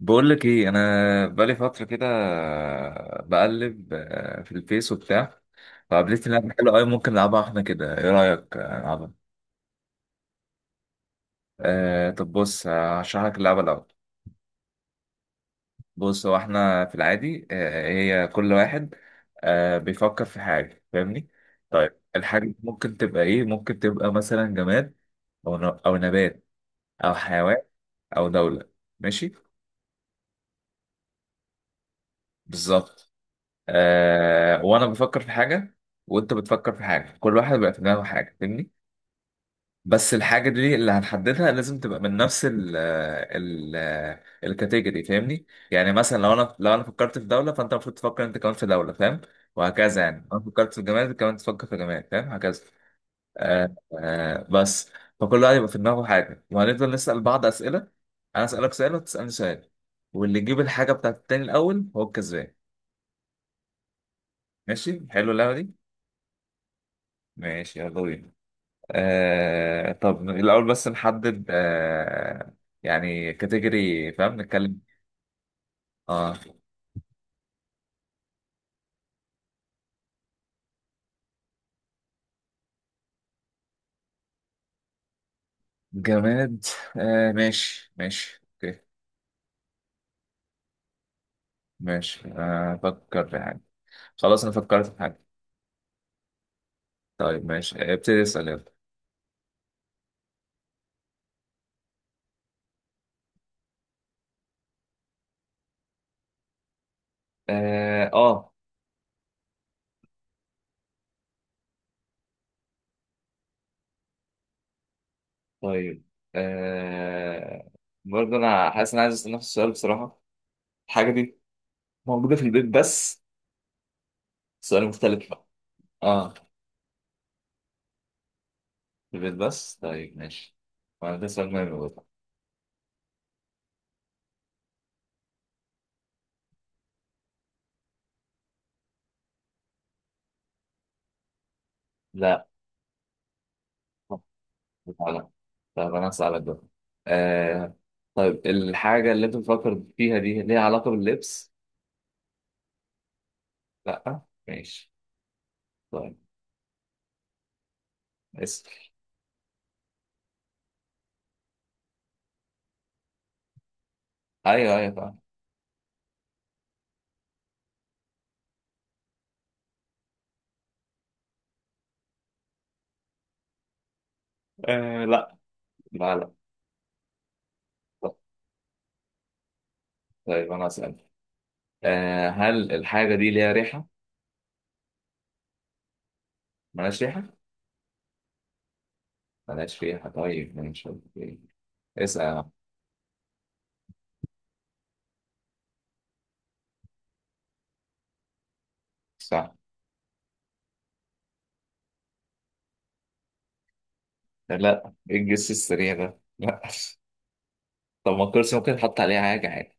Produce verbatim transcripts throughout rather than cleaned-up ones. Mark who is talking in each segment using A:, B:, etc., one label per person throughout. A: بقول لك ايه، انا بقالي فتره كده بقلب آه، في الفيس وبتاع. فقابلت لعبه حلوه قوي، ممكن نلعبها احنا كده. ايه رايك، آه، نلعبها؟ آه طب بص، هشرح لك اللعبه الاول. بص، هو احنا في العادي، آه هي كل واحد آه بيفكر في حاجه، فاهمني؟ طيب الحاجه دي ممكن تبقى ايه؟ ممكن تبقى مثلا جماد، او ن- او نبات، او حيوان، او دوله. ماشي. بالظبط. آه وانا بفكر في حاجه وانت بتفكر في حاجه، كل واحد بقى في دماغه حاجه، فاهمني؟ بس الحاجه دي اللي هنحددها لازم تبقى من نفس ال آه، ال الكاتيجوري فاهمني؟ يعني مثلا لو انا لو انا فكرت في دوله، فانت المفروض تفكر انت كمان في دوله، فاهم؟ وهكذا، يعني لو انا فكرت في جماد أنت كمان تفكر في جماد، فاهم، هكذا. آه آه بس. فكل واحد يبقى في دماغه حاجه، وهنفضل نسال بعض اسئله. انا اسالك سؤال وتسالني سؤال، واللي يجيب الحاجه بتاعت التاني الاول هو الكسبان. ماشي، حلو اللعبه دي. ماشي، يلا بينا. آه طب الأول بس نحدد آه يعني كاتيجوري، فاهم، نتكلم. اه، جماد. آه ماشي ماشي اوكي. ماشي، آه فكر في حاجة. خلاص أنا فكرت في حاجة. طيب ماشي، آه، ابتدي اسأل، يلا. اه. آه، طيب. آه برضه أنا حاسس إن أنا عايز أسأل نفس السؤال، بصراحة. الحاجة دي موجودة في البيت بس. سؤال مختلف بقى. اه، في البيت بس، طيب ماشي. وأنا ده سؤال مهم برضه. لا، لا، لا. طب انا هسألك بقى. آه طيب الحاجة اللي انت بتفكر فيها دي ليها علاقة باللبس؟ لا. ماشي. طيب، اسأل. ايوه، ايوه، فاهم. آه لا، لا، لا. طب- طيب انا هسأل. آه هل الحاجة دي ليها ريحة؟ ملهاش ريحة؟ ملهاش ريحة، طيب ماشي أوكي. اسأل. صح. لا، ايه الجس السريع ده؟ لا. طب ما الكرسي ممكن تحط عليه حاجة عادي.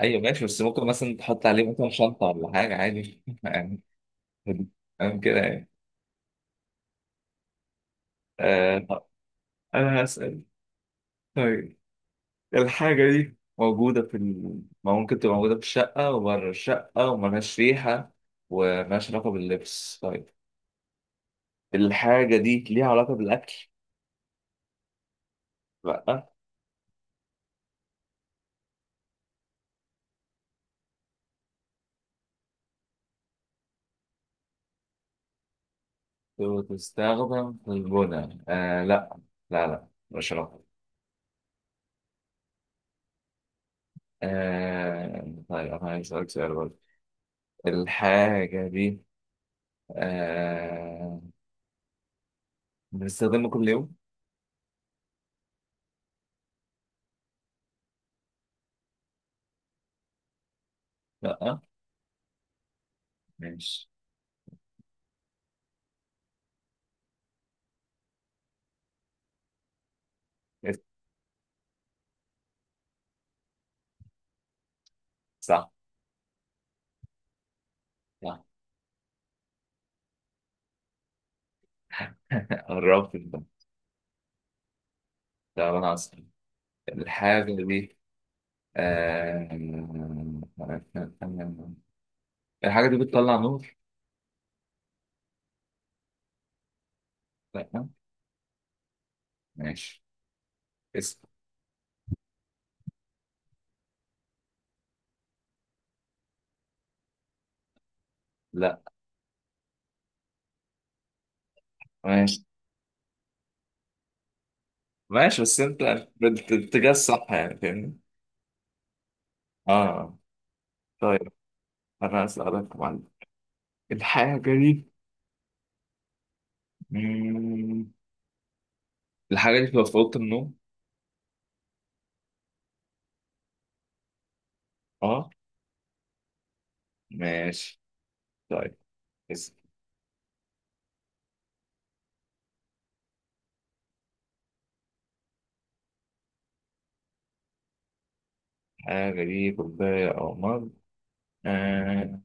A: ايوه ماشي، بس ممكن مثلا تحط عليه مثلا شنطة ولا حاجة عادي. فاهم كده يعني. آه طب انا هسأل. طيب الحاجة دي موجودة في ال... ما ممكن تبقى موجودة في الشقة وبره الشقة، وملهاش ريحة وملهاش علاقة باللبس. طيب، الحاجة دي ليها علاقة بالأكل؟ لأ. وتستخدم في البناء، آه لأ. لا، لا، مش علاقة. آه طيب أنا عايز أسألك سؤال برضه. الحاجة دي آه بنستخدمها كل يوم؟ لأ. ماشي. صح، صح. قربت ده. طب انا اسال، الحاجه دي آم، الحاجه دي بتطلع نور؟ لا. ماشي، اسال. لا. ماشي ماشي، بس انت بت- باتجاه الصح، يعني فاهمني. اه. طيب انا اسالك يا معلم، الحاجه دي مم، الحاجه دي بتبقى في اوضه النوم؟ اه. ماشي. طيب، اسال. الحاجه دي كوبايه او مج؟ آه.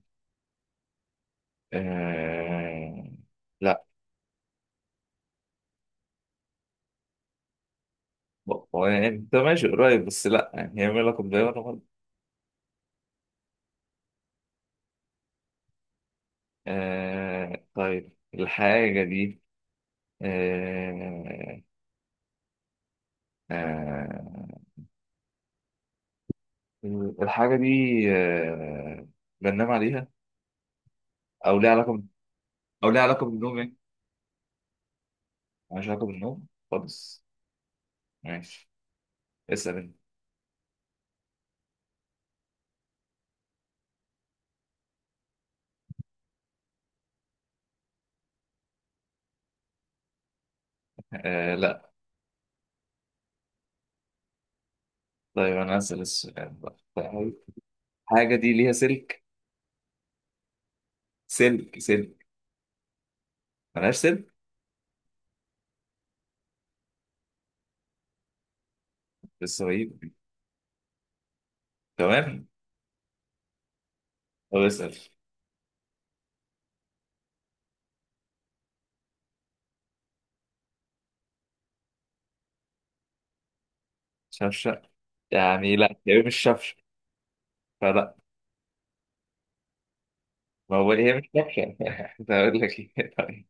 A: آه. لا. هو يعني انت ماشي قريب، بس لا، يعني هي ميلا كوباية ولا غلط. آه طيب الحاجة دي آه آه الحاجة دي آه بننام عليها؟ أو ليها علاقة ب- أو ليها علاقة بالنوم، يعني. مالهاش علاقة بالنوم خالص، ماشي، اسأل انت. آه لا. طيب أنا هسأل السؤال بقى. طيب، الحاجة دي ليها سلك. سلك، سلك. ملهاش سلك. بس هو ايه. تمام. طب، اسأل. شفشق؟ يعني لا، هي مش شفشق، فلا. ما هو هي مش كابشن. هقول لك ايه، طيب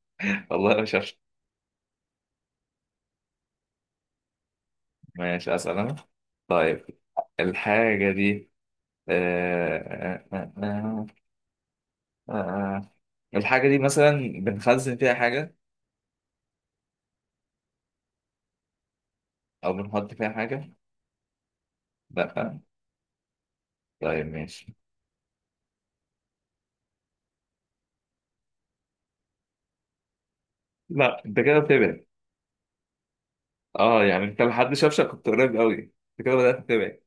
A: والله مش عارف. ماشي، اسال انا. طيب الحاجه دي آه... آه... آه... آه... آه، آه. الحاجه دي مثلا بنخزن فيها حاجه او بنحط فيها حاجه؟ لا. طيب، ماشي. لا، انت كده بتبعد. اه، يعني انت لحد شفشك كنت قريب قوي، انت كده بدات تبعد.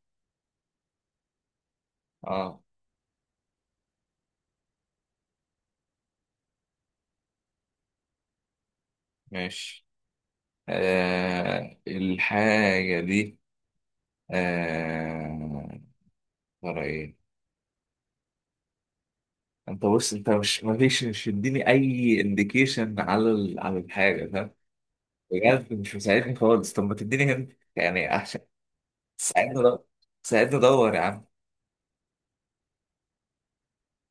A: اه، ماشي. آه... الحاجه دي آه... ترى ايه. انت بص، انت مش ما فيش مش تديني اي انديكيشن على ال... على الحاجه، فاهم؟ بجد مش مساعدني خالص، طب ما تديني هنت يعني احسن. ساعدني دور، ساعدني ادور يا عم.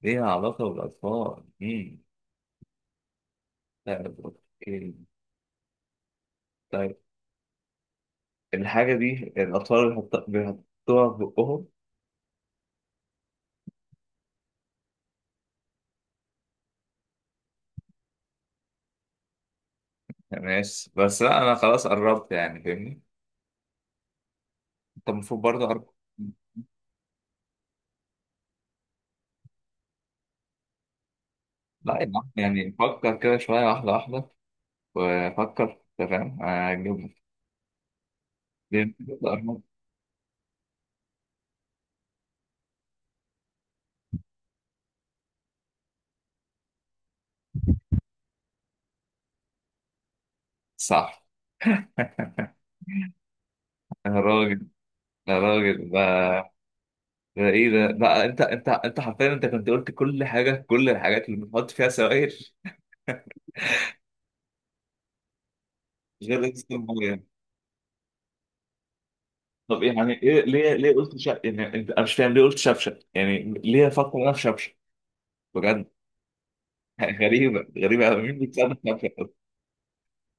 A: ليها علاقه بالاطفال، امم طيب، اوكي، طيب. الحاجه دي الاطفال بيحط- بيحطوها في بقهم؟ ماشي، بس لا، انا خلاص قربت، يعني فاهمني، انت المفروض برضه قربت. لا يا عم، يعني فكر كده شويه، واحده واحده، وفكر تمام هتجيبها. دي- دي قربت. صح. يا راجل، يا راجل ده، ده ايه ده بقى، انت انت انت حرفيا انت كنت قلت كل حاجه كل الحاجات اللي بنحط فيها سوائل غير ازازه الميه. طب إيه؟ يعني ايه، ليه ليه قلت شا... يعني انت، انا مش فاهم ليه قلت شبشب، يعني ليه افكر انا في شبشب، بجد. غريبه، غريبه قوي، مين بيتسمى شبشب.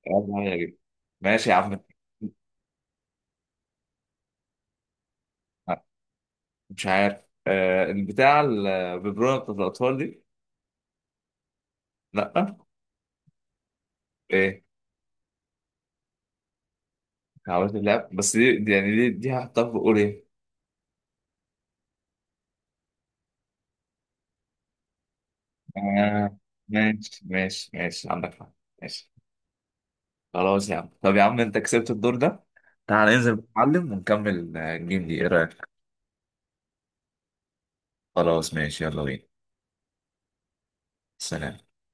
A: والله غريب. ماشي يا عم، مش عارف. آه البتاع الببرونه بتاعت الاطفال دي؟ لا، ايه؟ عملت اللعب، بس دي دي- يعني دي دي هحطها في ايه؟ آه ماشي ماشي ماشي، عندك حق، ماشي. خلاص يا عم، طب يا عم انت كسبت الدور ده. تعال ننزل نتعلم ونكمل آه، الجيم دي، ايه رأيك؟ خلاص، ماشي، يلا بينا. سلام.